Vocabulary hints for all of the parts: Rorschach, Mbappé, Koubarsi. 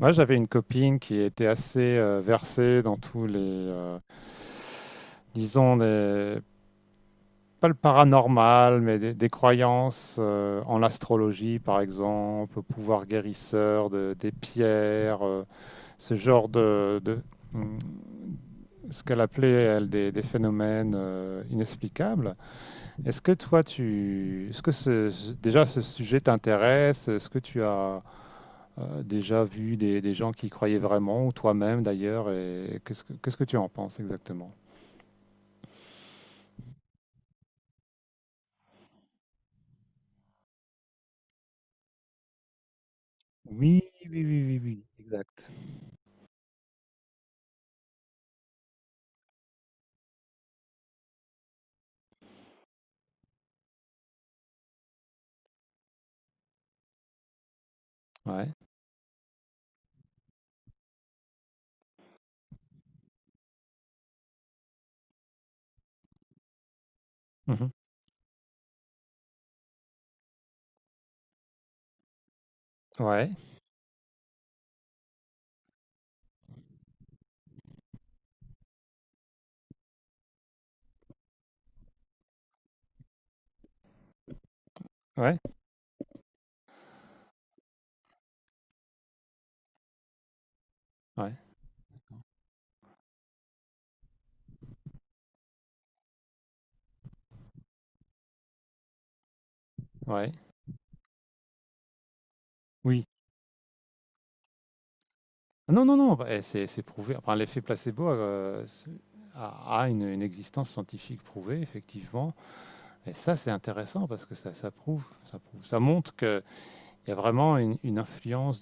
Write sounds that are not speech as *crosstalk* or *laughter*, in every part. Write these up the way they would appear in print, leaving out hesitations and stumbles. Moi, j'avais une copine qui était assez versée dans tous les, disons, pas le paranormal, mais des croyances en l'astrologie, par exemple, au pouvoir guérisseur des pierres, ce genre de, hum, ce qu'elle appelait, elle, des phénomènes inexplicables. Est-ce que toi, est-ce que déjà ce sujet t'intéresse? Est-ce que tu as déjà vu des gens qui y croyaient vraiment, ou toi-même d'ailleurs, et qu'est-ce que tu en penses exactement? Oui, oui, oui, oui, oui, exact. Ouais. Mhm. Ouais, ouais, ouais, ouais, oui. Ah non, non, non, bah, eh, c'est prouvé. Enfin, l'effet placebo, a une existence scientifique prouvée, effectivement. Et ça, c'est intéressant parce que ça montre qu'il y a vraiment une influence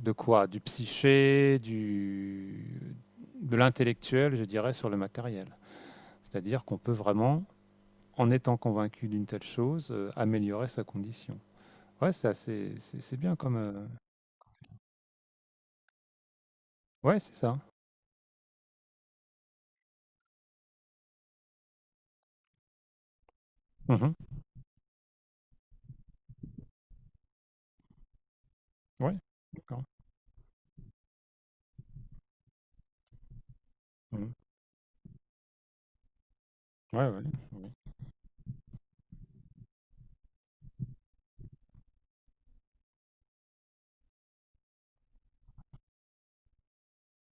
de quoi? Du psyché, de l'intellectuel, je dirais, sur le matériel. C'est-à-dire qu'on peut vraiment, en étant convaincu d'une telle chose, améliorer sa condition. Ouais, c'est assez, c'est bien comme. Ouais, c'est ça. Mhm. Ouais, d'accord. Mhm. Ouais, ouais, ouais.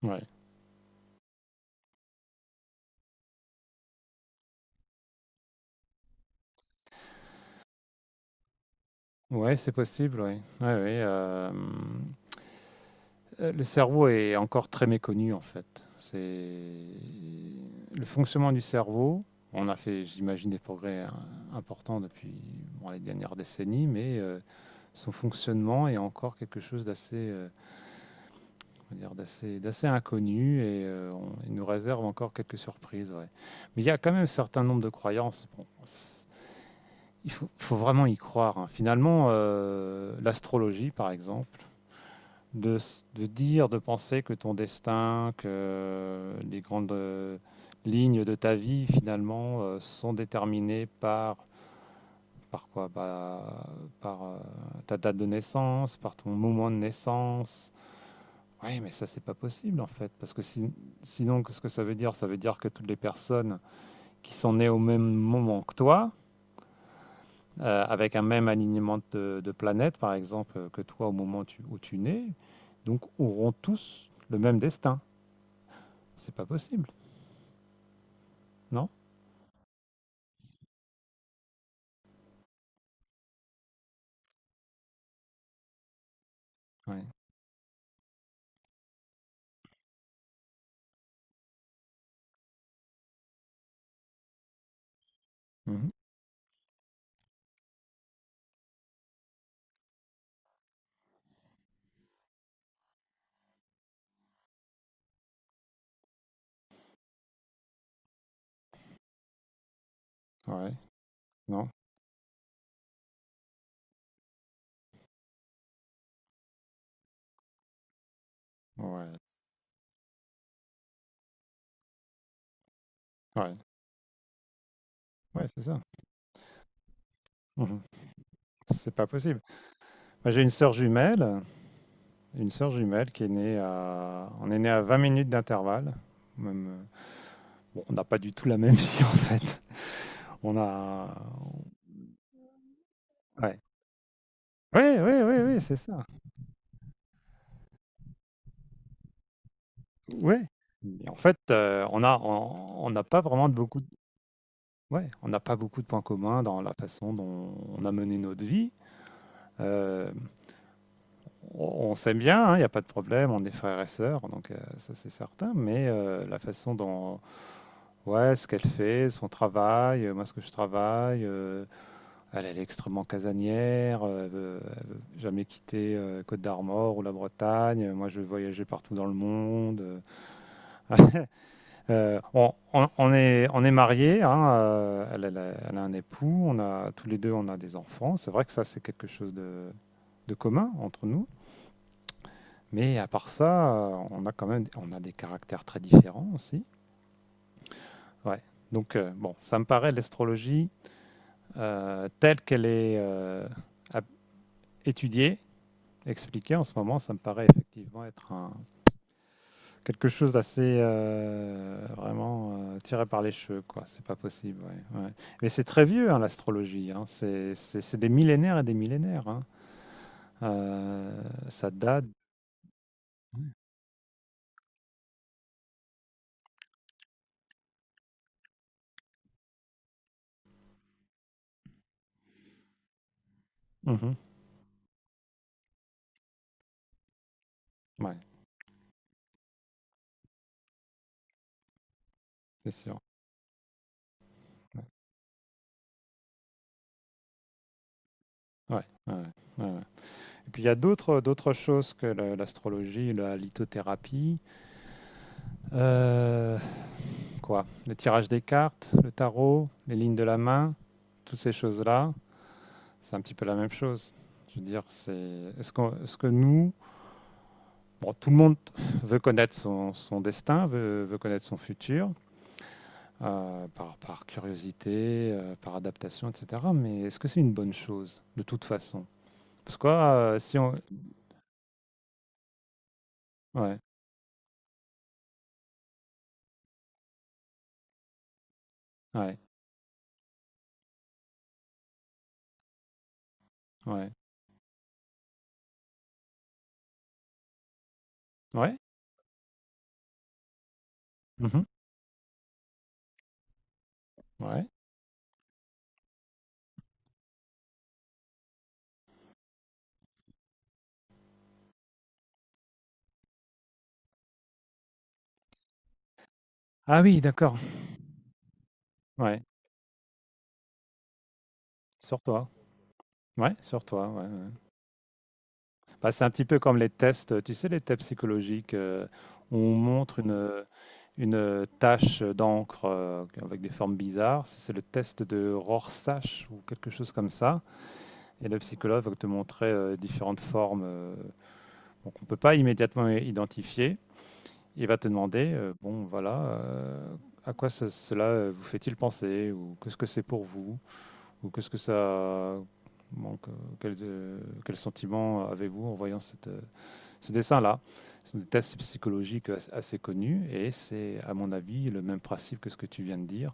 Ouais, ouais, c'est possible, ouais. Ouais, ouais, Le cerveau est encore très méconnu en fait. C'est le fonctionnement du cerveau. On a fait, j'imagine, des progrès importants depuis bon, les dernières décennies, mais son fonctionnement est encore quelque chose d'assez, comment dire, d'assez inconnu et il nous réserve encore quelques surprises. Ouais. Mais il y a quand même un certain nombre de croyances. Bon, il faut vraiment y croire. Hein. Finalement, l'astrologie, par exemple, de, de dire, de penser que ton destin, que les grandes lignes de ta vie, finalement, sont déterminées par par quoi? Bah, par ta date de naissance, par ton moment de naissance. Oui, mais ça, c'est pas possible, en fait, parce que sinon, qu'est-ce que ça veut dire? Ça veut dire que toutes les personnes qui sont nées au même moment que toi, avec un même alignement de planètes, par exemple, que toi au moment où tu nais, donc auront tous le même destin. C'est pas possible, non? Ouais. Mhm. Ouais. Non. Ouais. Ouais. Ouais, c'est ça. Mhm. C'est pas possible. Moi, j'ai une sœur jumelle qui est on est né à 20 minutes d'intervalle. Même, bon, on n'a pas du tout la même *laughs* vie en fait. On a, ouais. Ouais, ouais, ouais, ouais, c'est ça. Ouais. Mais en fait, on a, on on n'a pas vraiment de beaucoup de, ouais, on n'a pas beaucoup de points communs dans la façon dont on a mené notre vie. Euh, on s'aime bien, hein, il n'y a pas de problème, on est frères et sœurs, donc ça c'est certain, mais la façon dont, ouais, ce qu'elle fait, son travail, moi ce que je travaille, elle est extrêmement casanière, elle veut jamais quitter Côte d'Armor ou la Bretagne, moi je vais voyager partout dans le monde. *laughs* On est mariés, hein, elle a un époux, tous les deux on a des enfants, c'est vrai que ça c'est quelque chose de commun entre nous. Mais à part ça, on a quand même on a des caractères très différents aussi. Ouais. Donc, bon, ça me paraît l'astrologie, telle qu'elle est ap- étudiée, expliquée en ce moment, ça me paraît effectivement être quelque chose d'assez vraiment tiré par les cheveux, quoi. C'est pas possible. Ouais, ouais. Mais c'est très vieux, hein, l'astrologie. Hein. C'est des millénaires et des millénaires. Hein. Euh, Ça date. Mhm. Ouais, c'est sûr. Ouais, ouais, ouais, ouais. Et puis il y a d'autres choses que l'astrologie, la lithothérapie, euh, quoi, le tirage des cartes, le tarot, les lignes de la main, toutes ces choses-là, c'est un petit peu la même chose. Je veux dire, est-ce que nous, bon, tout le monde veut connaître son destin, veut connaître son futur, par, curiosité, par adaptation, etc. Mais est-ce que c'est une bonne chose, de toute façon? Parce que si on, ouais, ouais, ouais, ouais, mhm, ouais. Ah oui, d'accord. Ouais, sur toi. Ouais, sur toi. Ouais, ouais. Bah, c'est un petit peu comme les tests, tu sais, les tests psychologiques, où on montre une, tache d'encre avec des formes bizarres. C'est le test de Rorschach ou quelque chose comme ça. Et le psychologue va te montrer différentes formes, donc on ne peut pas immédiatement identifier. Il va te demander, bon, voilà, à quoi cela, vous fait-il penser ou qu'est-ce que c'est pour vous? Ou qu'est-ce que ça manque? Quel sentiment avez-vous en voyant ce dessin-là? C'est un test psychologique assez connu et c'est, à mon avis, le même principe que ce que tu viens de dire.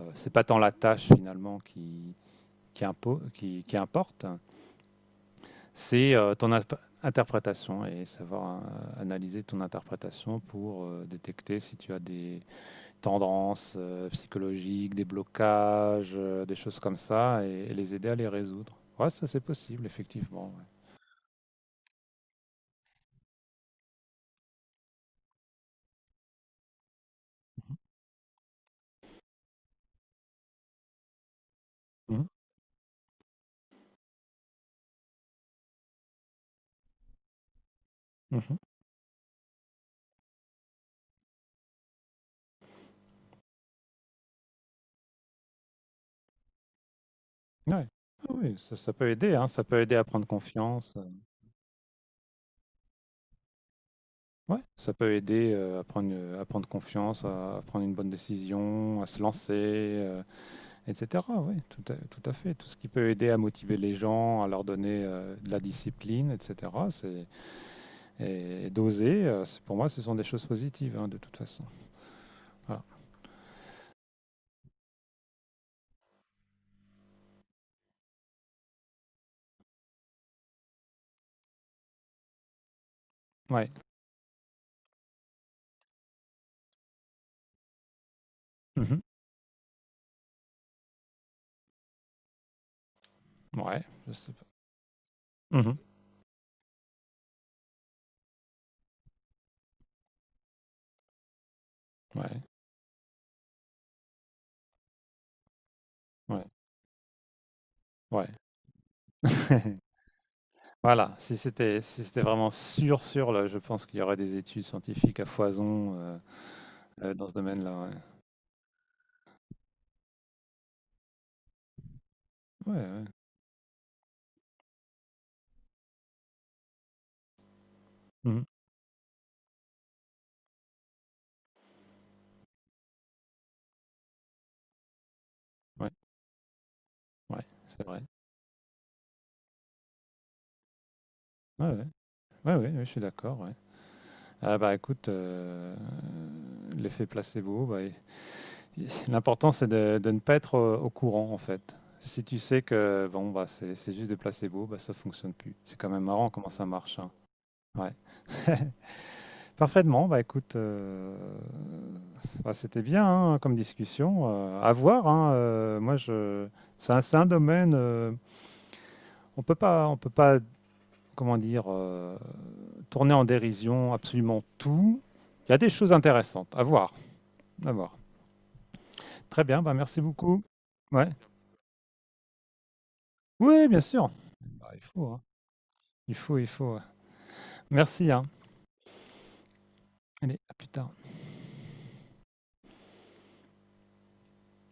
C'est pas tant la tâche finalement qui importe, c'est ton interprétation et savoir analyser ton interprétation pour détecter si tu as des tendances psychologiques, des blocages, des choses comme ça, et les aider à les résoudre. Ouais, ça c'est possible, effectivement. Ouais. Mhm, mhm. Ouais. Ah oui, ça, peut aider, hein, ça peut aider à prendre confiance. Ouais, ça peut aider à prendre confiance, à prendre une bonne décision, à se lancer, etc. Oui, tout à fait. Tout ce qui peut aider à motiver les gens, à leur donner de la discipline, etc. Et d'oser. Pour moi, ce sont des choses positives, hein, de toute façon. Voilà. Ouais. Mmh. Ouais, je sais pas. Mmh. Ouais, ouais, ouais. *laughs* Voilà, si c'était vraiment sûr, sûr, là, je pense qu'il y aurait des études scientifiques à foison, dans ce domaine-là, ouais. Ouais, ouais. Mmh. Ouais, ouais, c'est vrai. Ouais, ouais. Ouais, ouais, ouais, je suis d'accord, ouais. Ah bah, écoute, l'effet placebo, bah, i i l'important c'est de ne pas être, au courant, en fait. Si tu sais que bon, bah, c'est juste des placebos, bah, ça fonctionne plus. C'est quand même marrant comment ça marche, hein. Ouais. *laughs* Parfaitement, bah écoute, bah, c'était bien, hein, comme discussion, à voir, hein. Heu, moi je c'est un c'est un domaine, on peut pas, comment dire, tourner en dérision absolument tout. Il y a des choses intéressantes à voir, à voir. Très bien, bah, merci beaucoup. Ouais. Oui, bien sûr. Bah, il faut, hein. Il faut, ouais. Merci, hein. Allez, à plus tard.